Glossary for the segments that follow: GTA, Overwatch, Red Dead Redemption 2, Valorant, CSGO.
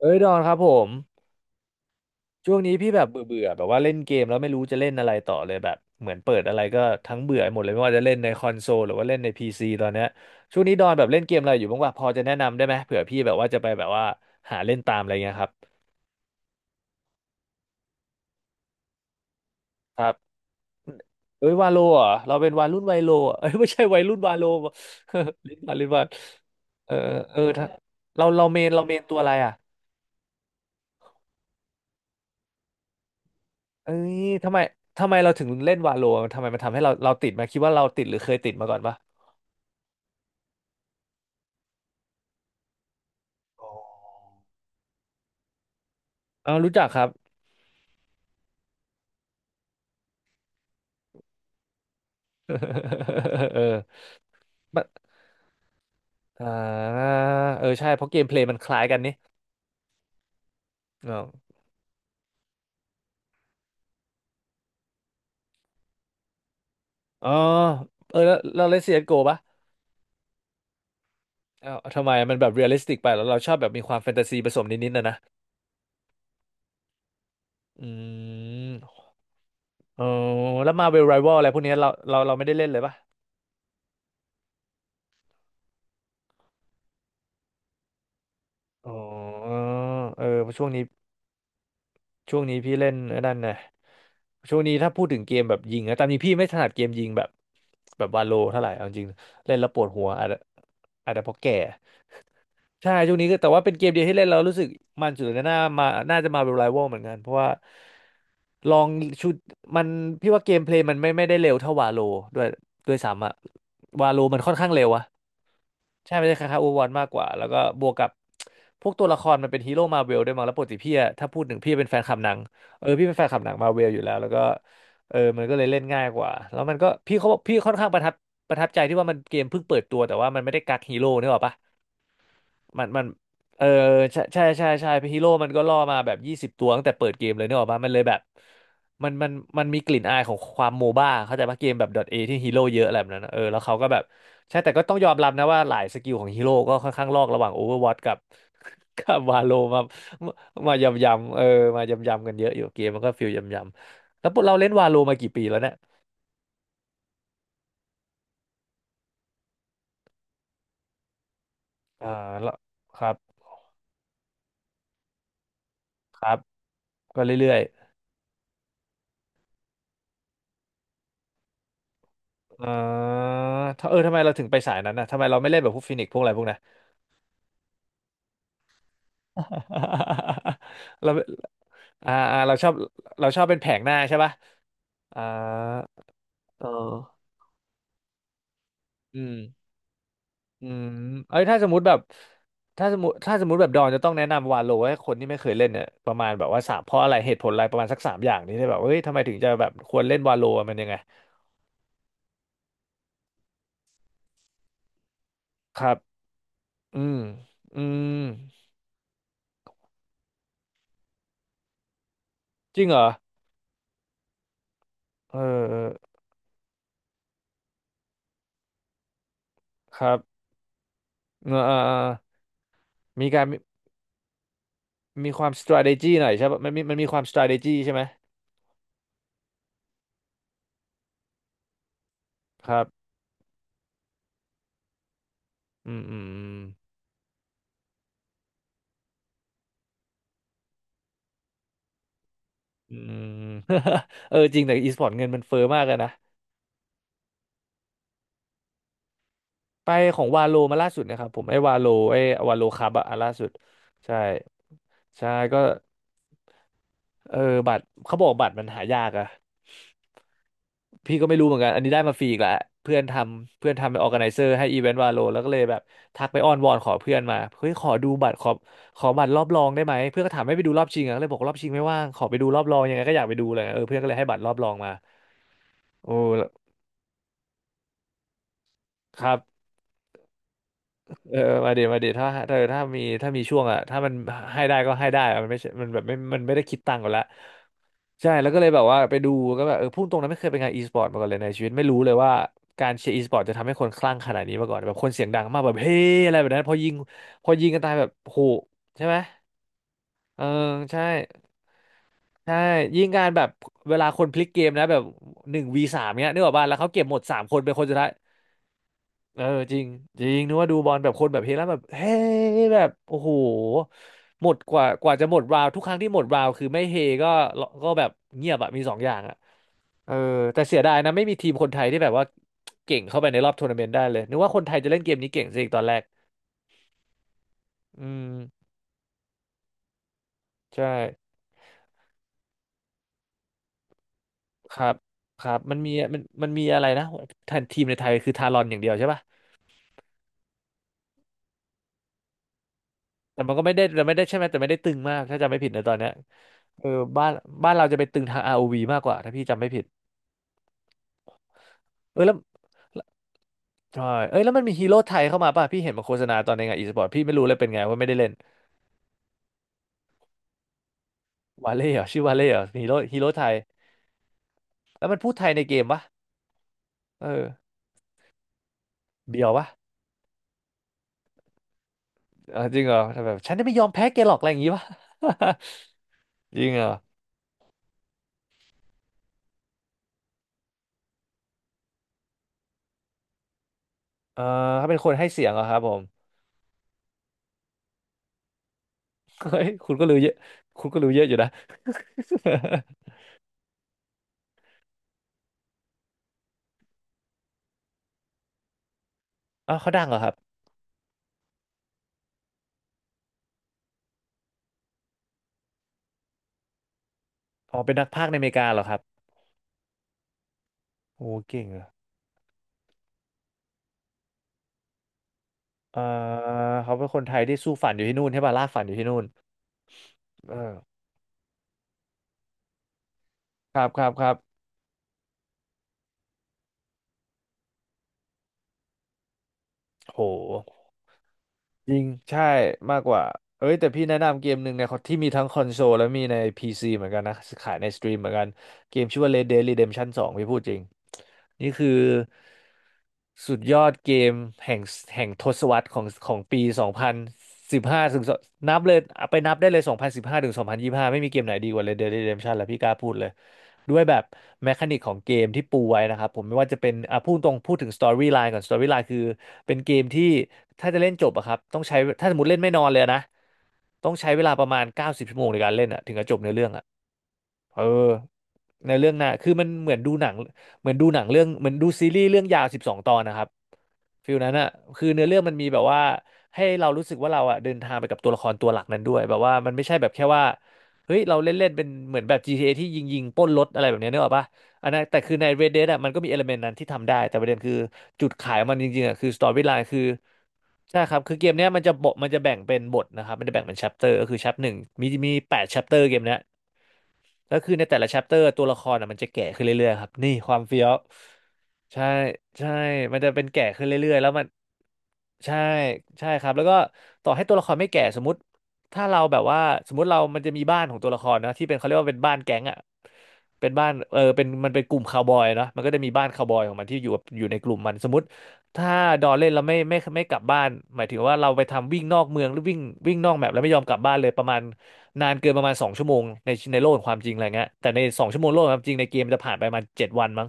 เอ้ยดอนครับผมช่วงนี้พี่แบบเบื่อเบื่อแบบว่าเล่นเกมแล้วไม่รู้จะเล่นอะไรต่อเลยแบบเหมือนเปิดอะไรก็ทั้งเบื่อหมดเลยไม่ว่าจะเล่นในคอนโซลหรือว่าเล่นในพีซีตอนเนี้ยช่วงนี้ดอนแบบเล่นเกมอะไรอยู่บ้างวะพอจะแนะนำได้ไหมเผื่อพี่แบบว่าจะไปแบบว่าหาเล่นตามอะไรเงี้ยครับครับเอ้ยวาโลเหรอเราเป็นวารุ่นไวยโลเหรอเอ้ยไม่ใช่วัยรุ่นวาโล เล่นวาล่นวาเออเออถ้าเราเมนตัวอะไรอ่ะเอ้ยทำไมเราถึงเล่นวาโลทำไมมันทำให้เราติดไหมาคิดว่าเราติดหรือเคยติดมาก่อนปะ เอารู้จักครับ เออมันอ่าเออใช่เพราะเกมเพลย์มันคล้ายกันนี่อ๋ออ๋อเออแล้วเราเล่น CSGO ปะเอ้าทำไมมันแบบเรียลลิสติกไปแล้วเราชอบแบบมีความแฟนตาซีผสมนิดๆนะอืมอ๋อแล้วมาเวลไรว a ลอะไรพวกเนี้ยเราไม่ได้เล่นเลยปะอ๋อเออเพราะช่วงนี้พี่เล่นไอ้นั่นนะช่วงนี้ถ้าพูดถึงเกมแบบยิงนะตามจริงพี่ไม่ถนัดเกมยิงแบบวาโลเท่าไหร่เอาจริงเล่นแล้วปวดหัวอาจจะอาจจะเพราะแก่ ใช่ช่วงนี้ก็แต่ว่าเป็นเกมเดียวที่เล่นแล้วรู้สึกมันสุดในหน่ามาน่าจะมาเป็นไรวัลเหมือนกันเพราะว่าลองชุดมันพี่ว่าเกมเพลย์มันไม่ได้เร็วเท่าวาโลด้วยด้วยซ้ำอะวาโลมันค่อนข้างเร็วอะใช่ไม่ใช่คล้ายๆโอวอนมากกว่าแล้วก็บวกกับพวกตัวละครมันเป็นฮีโร่มาเวลด้วยมั้งแล้วปกติพี่อะถ้าพูดถึงพี่เป็นแฟนคลับหนังเออพี่เป็นแฟนคลับหนังมาเวลอยู่แล้วแล้วก็เออมันก็เลยเล่นง่ายกว่าแล้วมันก็พี่เขาบอกพี่ค่อนข้างประทับประทับใจที่ว่ามันเกมเพิ่งเปิดตัวแต่ว่ามันไม่ได้กักฮีโร่นึกออกปะ มันเออใช่ฮีโร่มันก็ล่อมาแบบ20ตัวตั้งแต่เปิดเกมเลยเนี่ยออกมามันเลยแบบมันมันมันมีกลิ่นอายของความโมบ้าเข้าใจปะเกมแบบ .A ที่ฮีโร่เยอะอะไรแบบนั้นนะเออแล้วเขาก็แบบใช่แต่ก็ต้องยอมรับนะว่าหลายสกิลของฮีโร่ก็ค่อนข้างลอกระหว่าง Overwatch กับ กับวาโลมามายำยำเออมายำยำกันเยอะอยู่เกมมันก็ฟิลยำยำแล้วพวกเราเล่นวาโลมากี่ปีแล้วเนี่ยอ่าแล้วครับครับก็เรื่อยๆ อ่าถ้าเออทำไมเราถึงไปสายนั้นนะทำไมเราไม่เล่นแบบพวกฟินิกซ์พวกอะไรพวกนั้น เราอ่าอ่าเราชอบเราชอบเป็นแผงหน้าใช่ป่ะอ่าเอออืมอืมเอ้ยถ้าสมมติแบบ ถ้าสมมติแบบดอนจะต้องแนะนำวาโลให้คนที่ไม่เคยเล่นเนี่ยประมาณแบบว่าสามเพราะอะไรเหตุผลอะไรประมาณสักสามอย่างนี้ได้แบบเฮ้ยทำไมถึงจะแบบควรเล่นวาโลมันยังไงครับ อืมอืมจริงเหรอ เออ ครับเออมีการ มีความ strategy หน่อยใช่ปะมันมีความ strategy ใช่ไหมครับอืมอืมอืม เออจริงแต่ e-sport เงินมันเฟ้อมากเลยนะไปของวาโลมาล่าสุดนะครับผมไอ้วาโลไอ้ครับอะอันล่าสุดใช่ใช่ก็เออบัตรเขาบอกบัตรมันหายากอะ พี่ก็ไม่รู้เหมือนกันอันนี้ได้มาฟรีอีกแหละเพื่อนทำเป็นออร์แกไนเซอร์ให้อีเวนต์วาโลแล้วก็เลยแบบทักไปอ้อนวอนขอเพื่อนมาเฮ้ยขอดูบัตรขอบัตรรอบรองได้ไหมเพื่อนก็ถามให้ไปดูรอบชิงอ่ะก็เลยบอการอบชิงไม่ว่างขอไปดูรอบรองยังไงก็อยากไปดูเลยเออเพื่อนก็เลยให้บัตรรอบรองมาโอ้ครับ เออมาเดี๋ยวถ้าเธอถ้ามีช่วงอ่ะถ้ามันให้ได้ก็ให้ได้อะมันไม่ใช่แบบไม่ได้คิดตังค์กันละใช่แล้วก็เลยแบบว่าไปดูก็แบบเออพุ่งตรงนั้นไม่เคยไปงานอีสปอร์ตมาก่อนเลยในชีวิตไม่รู้เลยว่าการเชียร์อีสปอร์ตจะทำให้คนคลั่งขนาดนี้มาก่อนแบบคนเสียงดังมากแบบเฮ้อะไรแบบนั้นพอยิงกันตายแบบโหใช่ไหมเออใช่ใช่ยิงการแบบเวลาคนพลิกเกมนะแบบหนึ่งวีสามเนี้ยนึกออกป่ะแล้วเขาเก็บหมดสามคนเป็นคนสุดท้าย เออจริงจริงนึกว่าดูบอลแบบคนแบบเฮลั่นแบบเฮ้แบบโอ้โหหมดกว่าจะหมดราวทุกครั้งที่หมดราวคือไม่เฮก็ก็แบบเงียบอะมีสองอย่างอะเออแต่เสียดายนะไม่มีทีมคนไทยที่แบบว่าเก่งเข้าไปในรอบทัวร์นาเมนต์ได้เลยนึกว่าคนไทยจะเล่นเกมนี้เก่งซะอีกตอนแรกอืมใช่ครับครับมันมีอะไรนะทันทีมในไทยคือทารอนอย่างเดียวใช่ป่ะแต่มันก็ไม่ได้แต่ไม่ได้ใช่ไหมแต่ไม่ได้ตึงมากถ้าจำไม่ผิดในะตอนเนี้ยเออบ้านบ้านเราจะไปตึงทาง r o ีมากกว่าถ้าพี่จำไม่ผิด เออแล้วใช่เอ้ยแล้วมันมีฮีโร่ไทยเข้ามาป่ะพี่เห็นมาโฆษณาตอนในงานอีสปอร์ตพี่ไม่รู้เลยเป็นไงว่าไม่ได้เล่นวาเล่เหรอชื่อวาเล่เหรอฮีโร่ไทยแล้วมันพูดไทยในเกมปะเออเบียวปะเออจริงเหรอแต่แบบฉันจะไม่ยอมแพ้แกหรอกอะไรอย่างงี้ปะ จริงเหรอเออเขาเป็นคนให้เสียงเหรอครับผมเฮ้ยคุณก็รู้เยอะอยู่นะ อ้าวเขาดังเหรอครับอ๋อเป็นนักพากย์ในอเมริกาเหรอครับโอ้เก่งอะเออเขาเป็นคนไทยที่สู้ฝันอยู่ที่นู่นใช่ป่ะลากฝันอยู่ที่นู่นเออครับครับโห จริงใช่มากกว่าเอ้ยแต่พี่แนะนำเกมหนึ่งเนยที่มีทั้งคอนโซลและมีใน PC เหมือนกันนะขายในสตรีมเหมือนกันเกมชื่อว่า Red Dead Redemption 2พี่พูดจริงนี่คือสุดยอดเกมแห่งแห่งทศวรรษของปี2015ถึงนับเลยไปนับได้เลย2015ถึง2025ไม่มีเกมไหนดีกว่า Red Dead Redemption แล้วพี่กล้าพูดเลย ด้วยแบบแมคานิกของเกมที่ปูไว้นะครับผมไม่ว่าจะเป็นอ่ะพูดตรงพูดถึงสตอรี่ไลน์ก่อนสตอรี่ไลน์คือเป็นเกมที่ถ้าจะเล่นจบอะครับต้องใช้ถ้าสมมติเล่นไม่นอนเลยนะต้องใช้เวลาประมาณ90ชั่วโมงในการเล่นอะถึงจะจบในอเรื่องอะ เออในเรื่องหน่ะคือมันเหมือนดูหนังเหมือนดูหนังเรื่องเหมือนดูซีรีส์เรื่องยาว12ตอนนะครับฟิลนั้นอ่ะคือเนื้อเรื่องมันมีแบบว่าให้เรารู้สึกว่าเราอ่ะเดินทางไปกับตัวละครตัวหลักนั้นด้วยแบบว่ามันไม่ใช่แบบแค่ว่าเฮ้ยเราเล่นเล่นเป็นเหมือนแบบ GTA ทีเอที่ยิงปล้นรถอะไรแบบเนี้ยนึกออกปะอันนั้นแต่คือใน Red Dead อ่ะมันก็มีเอลเมนต์นั้นที่ทำได้แต่ประเด็นคือจุดขายของมันจริงๆอ่ะคือสตอรี่ไลน์คือใช่ครับคือเกมเนี้ยมันจะแบ่งเป็นบทนะครับมันจะแบ่งเป็นแชปเตอร์ก็คือแชปหนึ่งมี8แชปเตอร์เกมเนี้ย แล้วคือในแต่ละชชปเตอร์ตัวละครอ่ะมันจะแก่ขึ้นเรื่อยๆครับนี่ความเฟี้ยวใช่ใช่มันจะเป็นแก่ขึ้นเรื่อยๆแล้วมันใช่ใช่ครับแล้วก็ต่อให้ตัวละครไม่แก่สมมติถ้าเราแบบว่าสมมติเรามันจะมีบ้านของตัวละครเนอะที่เป็นเขาเรียกว่าเป็นบ้านแก๊งอ่ะเป็นบ้านเออเป็นมันเป็นกลุ่มคาวบอยเนาะมันก็จะมีบ้านคาวบอยของมันที่อยู่กับอยู่ในกลุ่มมันสมมติถ้าดอนเล่นแล้วไม่กลับบ้านหมายถึงว่าเราไปทำวิ่งนอกเมืองหรือวิ่งวิ่งนอกแมปแล้วไม่ยอมกลับบ้านเลยประมาณ นานเกินประมาณ2ชั่วโมงในโลกขอ่งความจริงอะไรเงี้ยแต่ในสองชั่วโมงโลกของความจริงในเกมมันจะผ่านไปประมาณ7วันมั้ง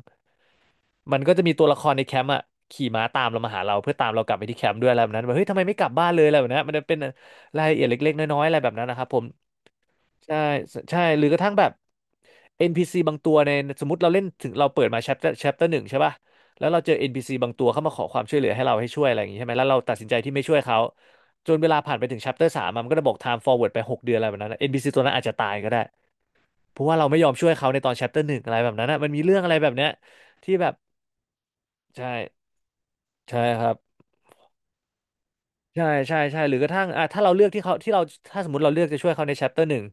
มันก็จะมีตัวละครในแคมป์อ่ะขี่ม้าตามเรามาหาเราเพื่อตามเรากลับไปที่แคมป์ด้วยอะไรแบบนั้นแบบเฮ้ยทำไมไม่กลับบ้านเลยอะไรแบบนั้นมันจะเป็นรายละเอียดเล็กๆน้อยๆอะไรแบบนั้นนะครับผม ใช่ใช่หรือกระทั่งแบบ NPC บางตัวในสมมติเราเล่นถึงเราเปิดมา chapter หนึ่งใช่ป่ะแล้วเราเจอ NPC บางตัวเข้ามาขอความช่วยเหลือให้เราให้ช่วยอะไรอย่างงี้ใช่ไหมแล้วเราตัดสินใจที่ไม่ช่วยเขาจนเวลาผ่านไปถึง chapter สามอะมันก็จะบอก time forward ไป6 เดือนอะไรแบบนั้นนะ NPC ตัวนั้นอาจจะตายก็ได้เพราะว่าเราไม่ยอมช่วยเขาในตอน chapter หนึ่งอะไรแบบนั้นนะมันมีเรื่องอะไรแบบเนี้ยที่แบบใช่ใช่ครับ ใช่ใช่ใช่หรือกระทั่งอ่ะถ้าเราเลือกที่เขาที่เราถ้าสมมติเราเลือกจะช่วยเขาใน chapter หนึ่ง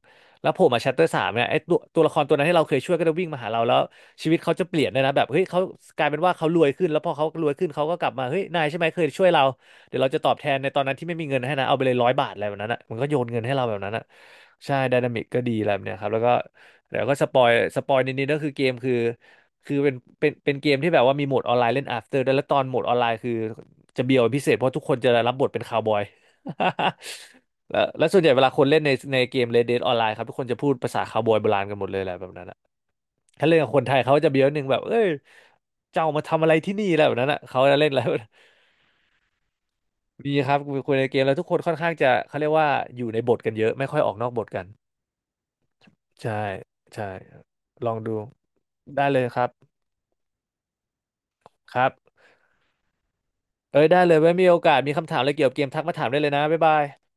แล้วโผล่มา chapter สามเนี่ยไอ้ตัวละครตัวนั้นที่เราเคยช่วยก็จะวิ่งมาหาเราแล้วชีวิตเขาจะเปลี่ยนเลยนะแบบเฮ้ยเขากลายเป็นว่าเขารวยขึ้นแล้วพอเขารวยขึ้นเขาก็กลับมาเฮ้ยนายใช่ไหมเคยช่วยเราเดี๋ยวเราจะตอบแทนในตอนนั้นที่ไม่มีเงินให้นะเอาไปเลย100 บาทอะไรแบบนั้นอ่ะมันก็โยนเงินให้เราแบบนั้นอ่ะใช่ไดนามิกก็ดีอะไรแบบเนี้ยครับแล้วก็เดี๋ยวก็สปอยสปอยนิดๆก็คือเกมคือเป็นเป็นเกมที่แบบว่ามีโหมดออนไลน์เล่น after ด้วยแล้วตอนโหมดออนไลน์คือ จะเบียวเป็นพิเศษเพราะทุกคนจะได้รับบทเป็นคาวบอย แล้วและส่วนใหญ่เวลาคนเล่นในเกม Red Dead Online ครับทุกคนจะพูดภาษาคาวบอยโบราณกันหมดเลยแหละแบบนั้นอะถ้าเล่นกับคนไทยเขาจะเบียวหนึ่งแบบเอ้ยเจ้ามาทำอะไรที่นี่อะไรแบบนั้นอะเขาจะเล่นแล้วมีครับคุยในเกมแล้วทุกคนค่อนข้างจะเขาเรียกว่าอยู่ในบทกันเยอะไม่ค่อยออกนอกบทกันใช่ใช่ลองดูได้เลยครับครับเอ้ยได้เลยไว้มีโอกาสมีคำถามอะไรเกี่ยวกับเกมทักมาถามได้เลยนะบ๊ายบาย